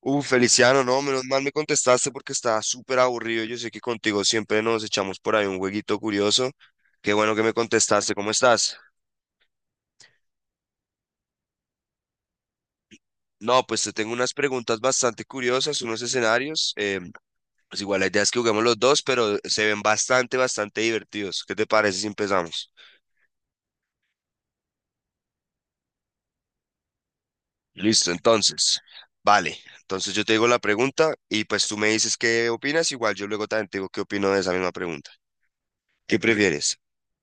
Feliciano, no, menos mal me contestaste porque estaba súper aburrido. Yo sé que contigo siempre nos echamos por ahí un jueguito curioso. Qué bueno que me contestaste, ¿cómo estás? No, pues te tengo unas preguntas bastante curiosas, unos escenarios. Pues igual la idea es que juguemos los dos, pero se ven bastante, bastante divertidos. ¿Qué te parece si empezamos? Listo, entonces. Vale, entonces yo te digo la pregunta y pues tú me dices qué opinas. Igual yo luego también te digo qué opino de esa misma pregunta. ¿Qué prefieres?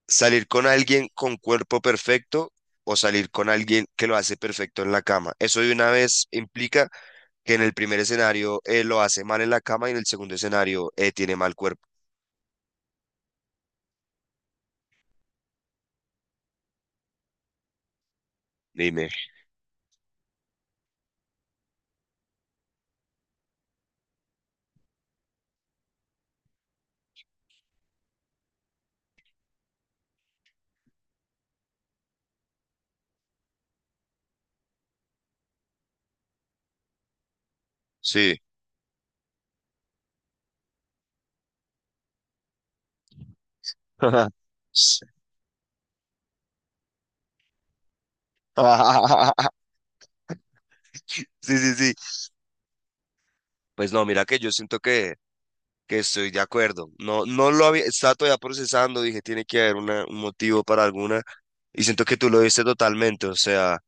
Salir con alguien con cuerpo perfecto o salir con alguien que lo hace perfecto en la cama. Eso de una vez implica que en el primer escenario lo hace mal en la cama y en el segundo escenario tiene mal cuerpo. Dime. Sí. Sí, sí, sí. Pues no, mira que yo siento que estoy de acuerdo. No, no lo había, estaba todavía procesando, dije, tiene que haber un motivo para alguna. Y siento que tú lo viste totalmente, o sea,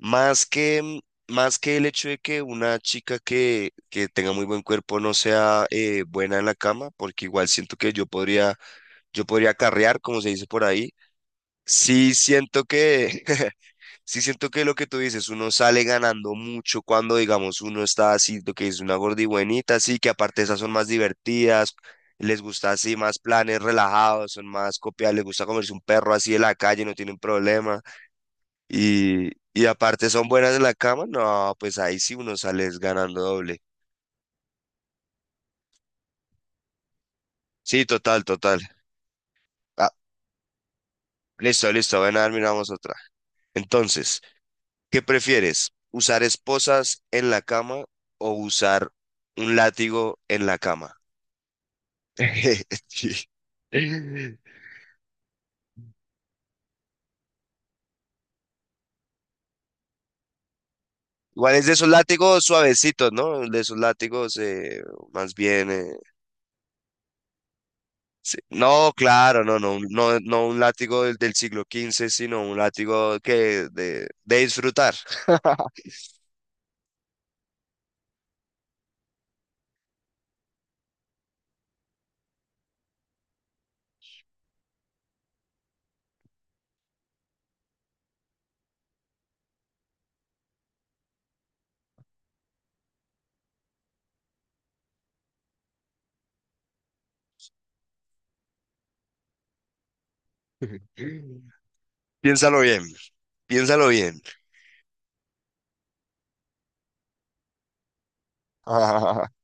más que, más que el hecho de que una chica que tenga muy buen cuerpo no sea buena en la cama, porque igual siento que yo podría carrear, como se dice por ahí. Sí siento que, sí siento que lo que tú dices, uno sale ganando mucho cuando, digamos, uno está así, lo que es una gordibuenita, así que aparte esas son más divertidas, les gusta así más planes relajados, son más copiadas, les gusta comerse un perro así de la calle, no tienen problema. Y aparte son buenas en la cama, no, pues ahí sí uno sale es ganando doble. Sí, total, total. Ah, listo, listo, ven a ver, miramos otra. Entonces, ¿qué prefieres? ¿Usar esposas en la cama o usar un látigo en la cama? Sí. Igual es de esos látigos suavecitos, ¿no? De esos látigos, más bien, sí. No, claro, no, no, no, no un látigo del siglo XV, sino un látigo que de disfrutar. Piénsalo bien, piénsalo bien.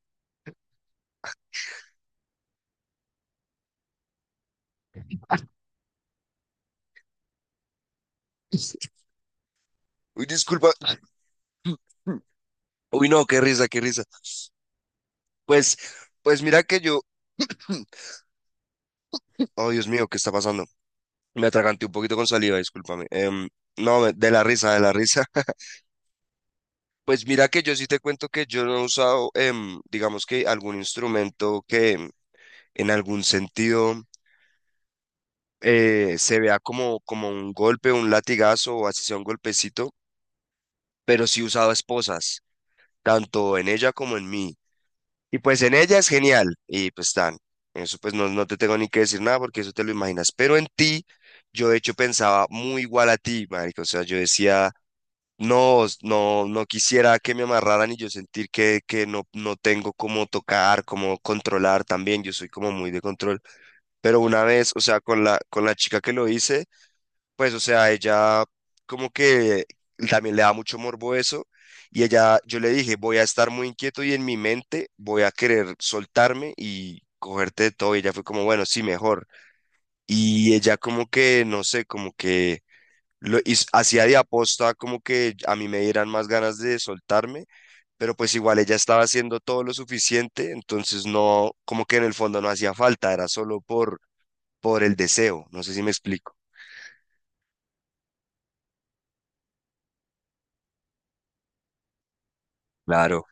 Uy, disculpa. Uy, no, qué risa, qué risa. Pues, pues mira que yo. Oh, Dios mío, ¿qué está pasando? Me atraganté un poquito con saliva, discúlpame. No, de la risa, de la risa. Pues mira que yo sí te cuento que yo no he usado, digamos que algún instrumento que en algún sentido. Se vea como un golpe, un latigazo o así sea un golpecito, pero sí usaba esposas, tanto en ella como en mí. Y pues en ella es genial, y pues eso pues no, no te tengo ni que decir nada porque eso te lo imaginas, pero en ti yo de hecho pensaba muy igual a ti, marico, o sea, yo decía... No, no, no quisiera que me amarraran y yo sentir que no, no tengo cómo tocar, cómo controlar también, yo soy como muy de control. Pero una vez, o sea, con la chica que lo hice, pues, o sea, ella como que también le da mucho morbo eso. Y ella, yo le dije, voy a estar muy inquieto y en mi mente voy a querer soltarme y cogerte de todo. Y ella fue como, bueno, sí, mejor. Y ella como que, no sé, como que hacía de aposta como que a mí me dieran más ganas de soltarme, pero pues igual ella estaba haciendo todo lo suficiente, entonces no, como que en el fondo no hacía falta, era solo por el deseo. No sé si me explico. Claro.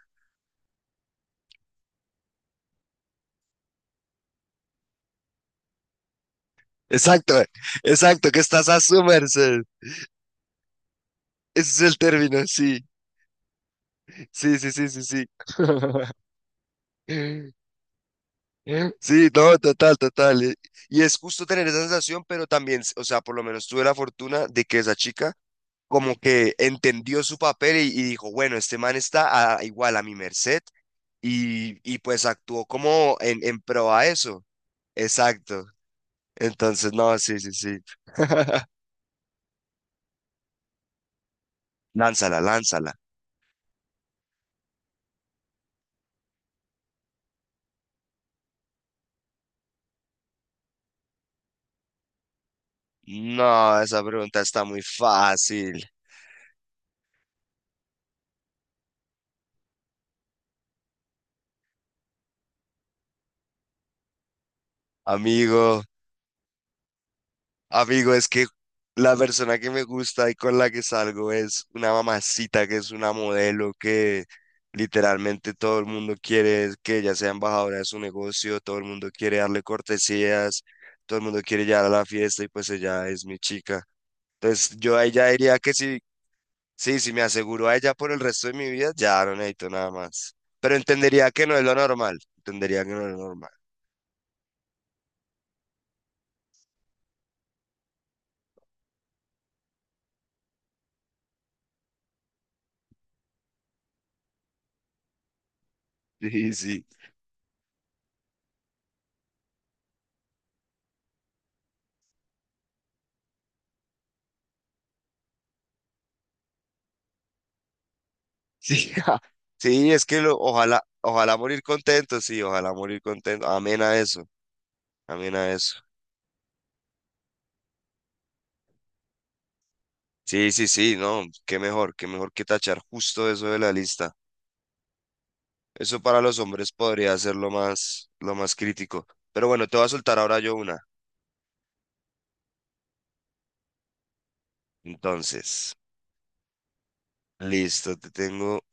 Exacto, exacto, que estás a su merced. Ese es el término, sí, sí, sí, sí, sí, sí. Sí, no, total, total. Y es justo tener esa sensación, pero también, o sea, por lo menos tuve la fortuna de que esa chica como que entendió su papel y dijo, bueno, este man está igual a mi merced y pues actuó como en pro a eso. Exacto. Entonces, no, sí, sí, sí. Lánzala, lánzala. No, esa pregunta está muy fácil. Amigo, amigo, es que la persona que me gusta y con la que salgo es una mamacita que es una modelo que literalmente todo el mundo quiere que ella sea embajadora de su negocio, todo el mundo quiere darle cortesías, todo el mundo quiere llegar a la fiesta y pues ella es mi chica. Entonces yo a ella diría que sí, sí, si me aseguro a ella por el resto de mi vida, ya no necesito nada más. Pero entendería que no es lo normal, entendería que no es lo normal. Sí, sí. Sí, sí, es que ojalá, ojalá morir contento, sí, ojalá morir contento. Amén a eso, amén a eso. Sí, sí, sí, no, qué mejor que tachar justo eso de la lista. Eso para los hombres podría ser lo más crítico. Pero bueno, te voy a soltar ahora yo una. Entonces, listo, te tengo,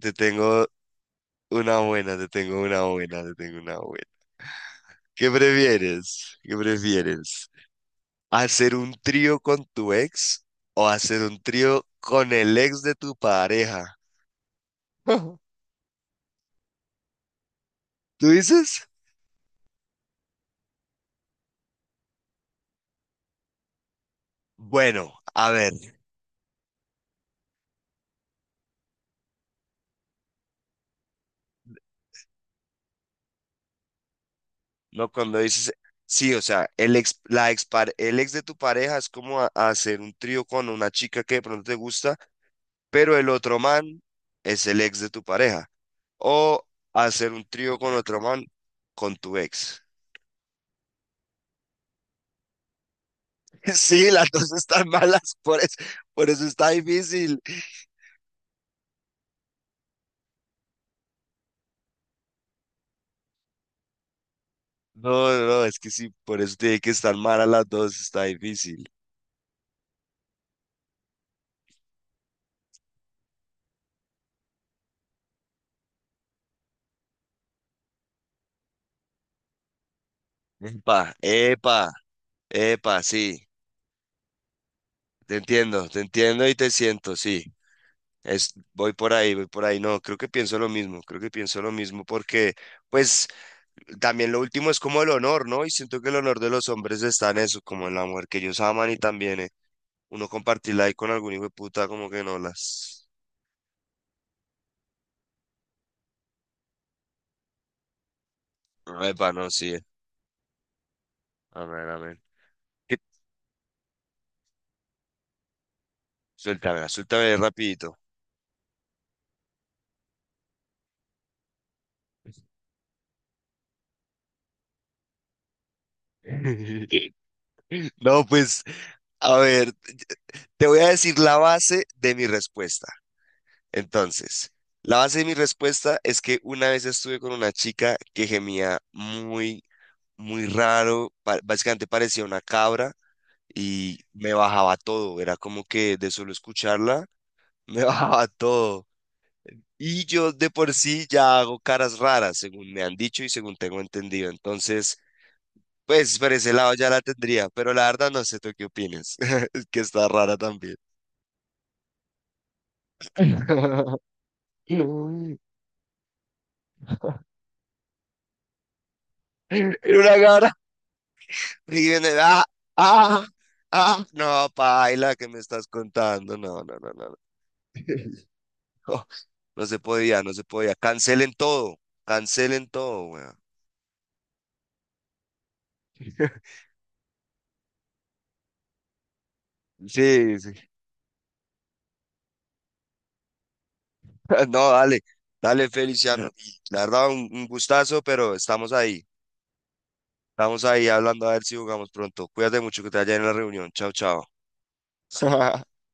te tengo una buena, te tengo una buena, te tengo una buena. ¿Qué prefieres? ¿Qué prefieres? ¿Hacer un trío con tu ex o hacer un trío con el ex de tu pareja? ¿Tú dices? Bueno, a ver, no cuando dices, sí, o sea, el ex, la ex, el ex de tu pareja es como hacer un trío con una chica que de pronto te gusta, pero el otro man es el ex de tu pareja. O hacer un trío con otro man con tu ex. Sí, las dos están malas, por eso está difícil. No, no, no, es que sí, por eso tiene que estar mal a las dos, está difícil. Epa, epa, epa, sí, te entiendo y te siento, sí. Voy por ahí, voy por ahí. No, creo que pienso lo mismo, creo que pienso lo mismo porque, pues, también lo último es como el honor, ¿no? Y siento que el honor de los hombres está en eso, como en la mujer que ellos aman y también, uno compartirla ahí con algún hijo de puta, como que no las. No, epa, no, sí. Amén, amén. ¿Qué? Suéltamela, suéltame rapidito. No, pues, a ver, te voy a decir la base de mi respuesta. Entonces, la base de mi respuesta es que una vez estuve con una chica que gemía muy, muy raro, básicamente parecía una cabra y me bajaba todo, era como que de solo escucharla, me bajaba todo. Y yo de por sí ya hago caras raras, según me han dicho y según tengo entendido. Entonces, pues por ese lado ya la tendría, pero la verdad no sé tú qué opinas. Es que está rara también. Era una gara. Y viene, ah, ah, ah. No, paila, ¿qué me estás contando? No, no, no, no. No, no no se podía, no se podía. Cancelen todo, weón. Sí, sí. No, dale, dale, Feliciano. Y la verdad, un gustazo, pero estamos ahí. Estamos ahí hablando a ver si jugamos pronto. Cuídate mucho que te vaya en la reunión. Chao, chao. Ujú.